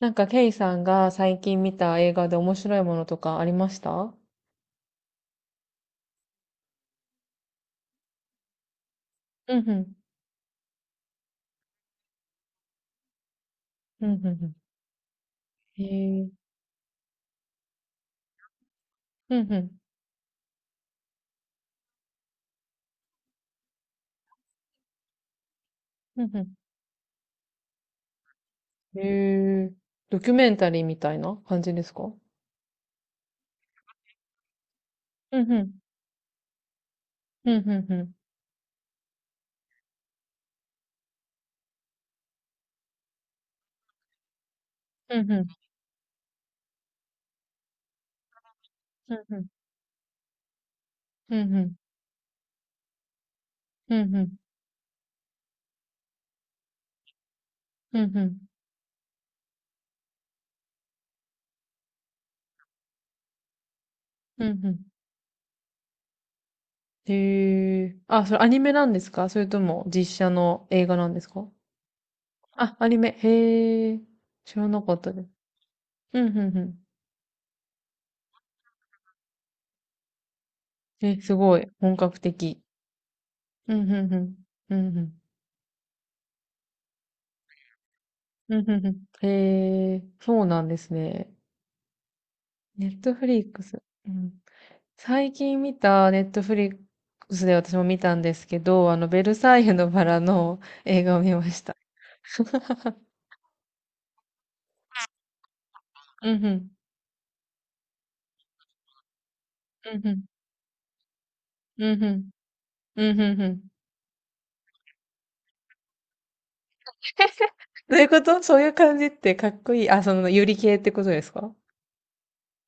なんか、ケイさんが最近見た映画で面白いものとかありました？うんうん。うんうんうん。へえ。うんうん。うんうん。へえ。ドキュメンタリーみたいな感じですか？うんうん。うんうんうん。うんうん。うんうん。うんうん。うんうん。うんうん。へえ。あ、それアニメなんですか、それとも実写の映画なんですか？あ、アニメ。へえ。知らなかったです。うんうんうん。え、すごい。本格的。うんうんうん。うんうん。うん、うんうん。へえ、そうなんですね。ネットフリックス。うん。最近見たネットフリックスで私も見たんですけど、ベルサイユのバラの映画を見ました。うんうん。うんうん。うんうん。うんうんうん。どういうこと、そういう感じってかっこいい。あ、その、ユリ系ってことですか？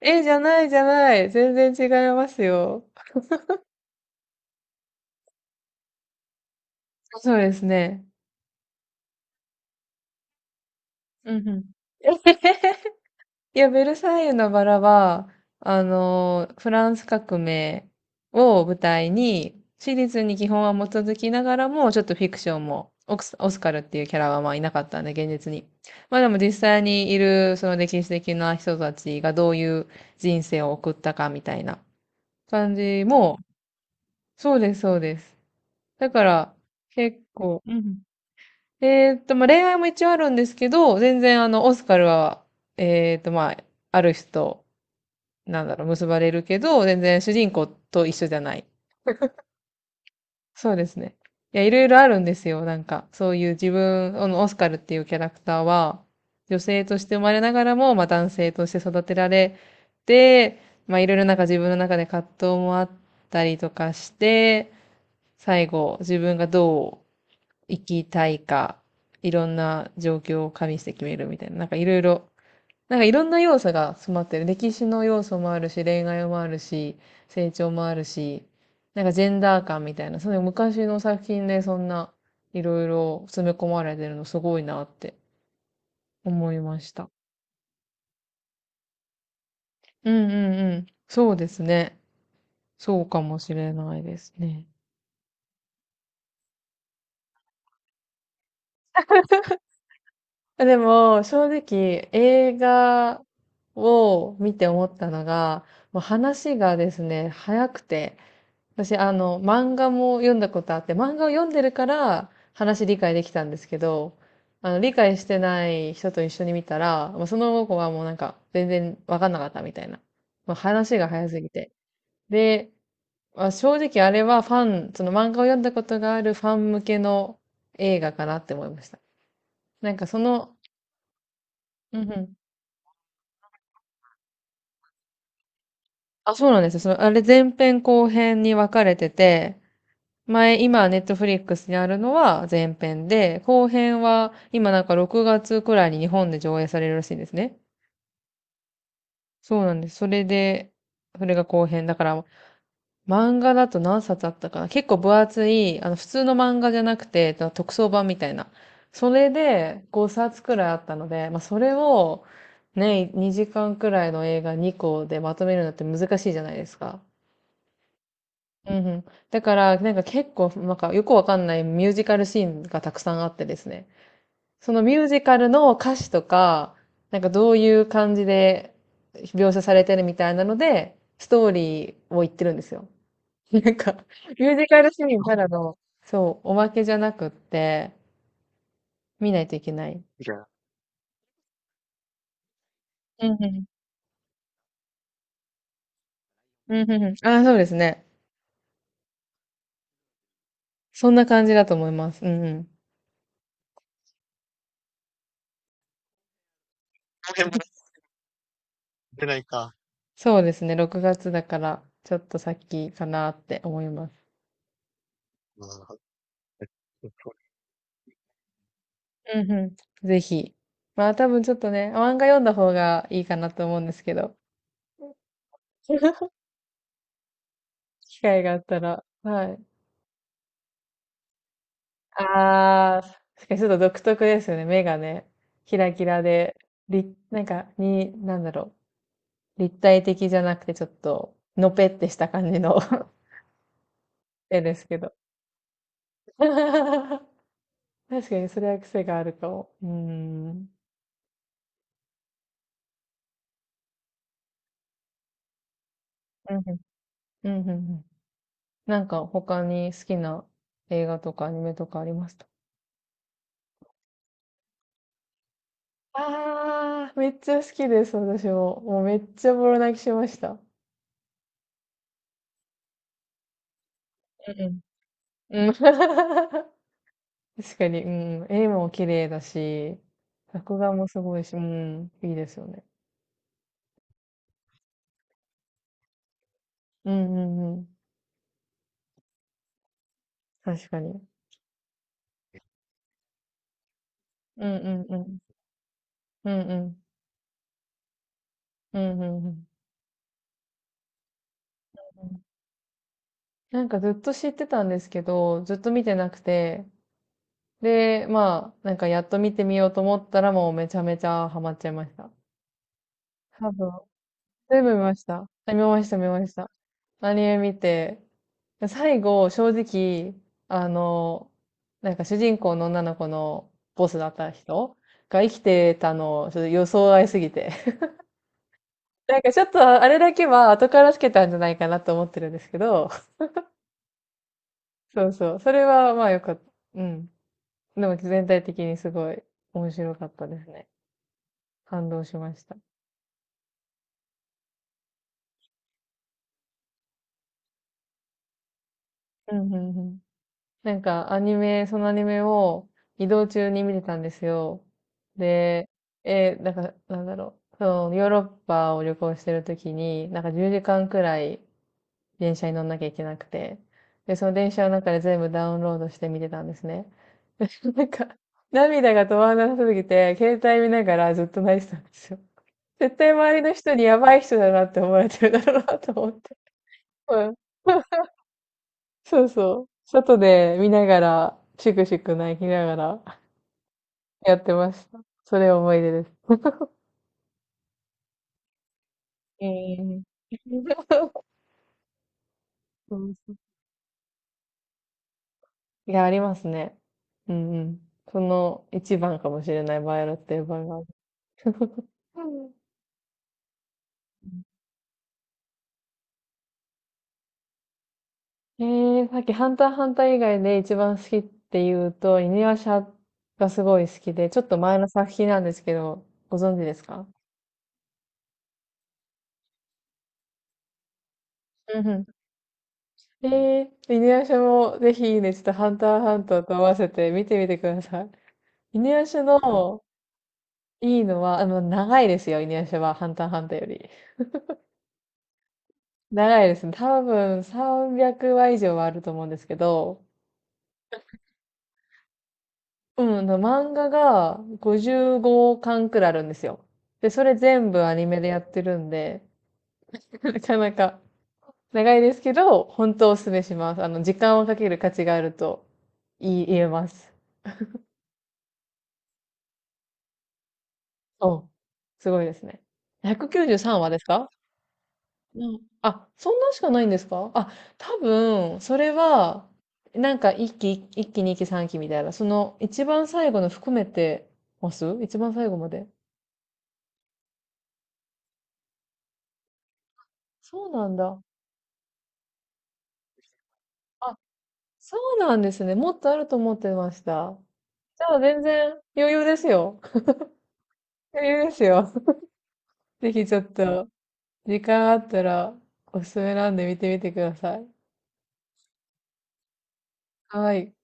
え、じゃないじゃない。全然違いますよ。そうですね。うんうん。いや、ベルサイユのバラは、フランス革命を舞台に、史実に基本は基づきながらも、ちょっとフィクションも、オスカルっていうキャラはまあいなかったんで、現実に。まあでも実際にいる、その歴史的な人たちがどういう人生を送ったかみたいな感じも、そうです、そうです。だから、結構、うん。まあ恋愛も一応あるんですけど、全然あの、オスカルは、えーっと、まあ、ある人、なんだろう、結ばれるけど、全然主人公と一緒じゃない。そうですね。いや、いろいろあるんですよ。なんか、そういう自分、あの、オスカルっていうキャラクターは、女性として生まれながらも、まあ、男性として育てられて、まあ、いろいろなんか自分の中で葛藤もあったりとかして、最後、自分がどう生きたいか、いろんな状況を加味して決めるみたいな、なんかいろいろ、なんかいろんな要素が詰まってる。歴史の要素もあるし、恋愛もあるし、成長もあるし、なんかジェンダー感みたいな、その昔の作品でそんないろいろ詰め込まれてるのすごいなって思いました。うんうんうん。そうですね。そうかもしれないですね。あでも、正直、映画を見て思ったのが、もう話がですね、早くて、私、漫画も読んだことあって、漫画を読んでるから話理解できたんですけど、理解してない人と一緒に見たら、まその子はもうなんか全然わかんなかったみたいな。ま話が早すぎて。で、まあ、正直あれはファン、その漫画を読んだことがあるファン向けの映画かなって思いました。なんかその、うんうん。あ、そうなんですよ。その、あれ前編後編に分かれてて、前、今、ネットフリックスにあるのは前編で、後編は今なんか6月くらいに日本で上映されるらしいんですね。そうなんです。それで、それが後編。だから、漫画だと何冊あったかな、結構分厚い、普通の漫画じゃなくて、特装版みたいな。それで5冊くらいあったので、まあ、それをね、2時間くらいの映画2個でまとめるのって難しいじゃないですか。うんうん。だから、なんか結構、なんかよくわかんないミュージカルシーンがたくさんあってですね。そのミュージカルの歌詞とか、なんかどういう感じで描写されてるみたいなので、ストーリーを言ってるんですよ。なんか、ミュージカルシーンただの、そう、おまけじゃなくって、見ないといけない。うんうん。うんうんうん。ああ、そうですね。そんな感じだと思います。うんうん。そうですね。6月だから、ちょっと先かなって思います。うんうん。ぜひ。まあ多分ちょっとね、漫画読んだ方がいいかなと思うんですけど。機会があったら。はい。ああ、確かにちょっと独特ですよね。目がね、キラキラで、立なんか、に、立体的じゃなくてちょっと、のぺってした感じの 絵ですけど。確かにそれは癖があるかも。うーん。うんうん。うんうんうん。なんか他に好きな映画とかアニメとかありますた？ああ、めっちゃ好きです、私も。もうめっちゃボロ泣きしました。うん。うん 確かに、うん。絵も綺麗だし、作画もすごいし、うん、いいですよね。うんうんうん。確かに。うんうんうん。うんうん。うんうんうん。なんかずっと知ってたんですけど、ずっと見てなくて、で、まあ、なんかやっと見てみようと思ったらもうめちゃめちゃハマっちゃいました。多分全部見ました。あ見ました、見ました。アニメ見て、最後、正直、あの、なんか主人公の女の子のボスだった人が生きてたの、ちょっと予想外すぎて。なんかちょっとあれだけは後からつけたんじゃないかなと思ってるんですけど、そうそう。それはまあよかった。うん。でも全体的にすごい面白かったですね。感動しました。うん、うん、うん。なんかアニメ、そのアニメを移動中に見てたんですよ。で、そのヨーロッパを旅行してる時に、なんか10時間くらい電車に乗んなきゃいけなくて、で、その電車の中で全部ダウンロードして見てたんですね。でなんか、涙が止まらなさすぎて、携帯見ながらずっと泣いてたんですよ。絶対周りの人にやばい人だなって思われてるだろうなと思って。うん。そうそう。外で見ながら、シクシク泣きながらやってました。それ思い出です。ええ そうそう いや、ありますね。うんうん。その一番かもしれないバイオレットエヴァンがある。うん。えさっきハンターハンター以外で一番好きって言うと、犬夜叉がすごい好きで、ちょっと前の作品なんですけど、ご存知ですか？うんうん 犬夜叉もぜひね、ちょっとハンターハンターと合わせて見てみてください。犬夜叉のいいのは、長いですよ、犬夜叉は、ハンターハンターより。長いですね。多分300話以上はあると思うんですけど、うん、あの漫画が55巻くらいあるんですよ。で、それ全部アニメでやってるんで、なかなか長いですけど、本当おすすめします。時間をかける価値があると言えます。そう、すごいですね。193話ですか？うん。あ、そんなしかないんですか？あ、多分、それは、なんか一期、二期、三期みたいな、その一番最後の含めてます？一番最後まで。そうなんだ。あ、そうなんですね。もっとあると思ってました。じゃあ全然余裕ですよ。余裕ですよ。ぜひちょっと、時間あったら、おすすめなんで見てみてください。はい。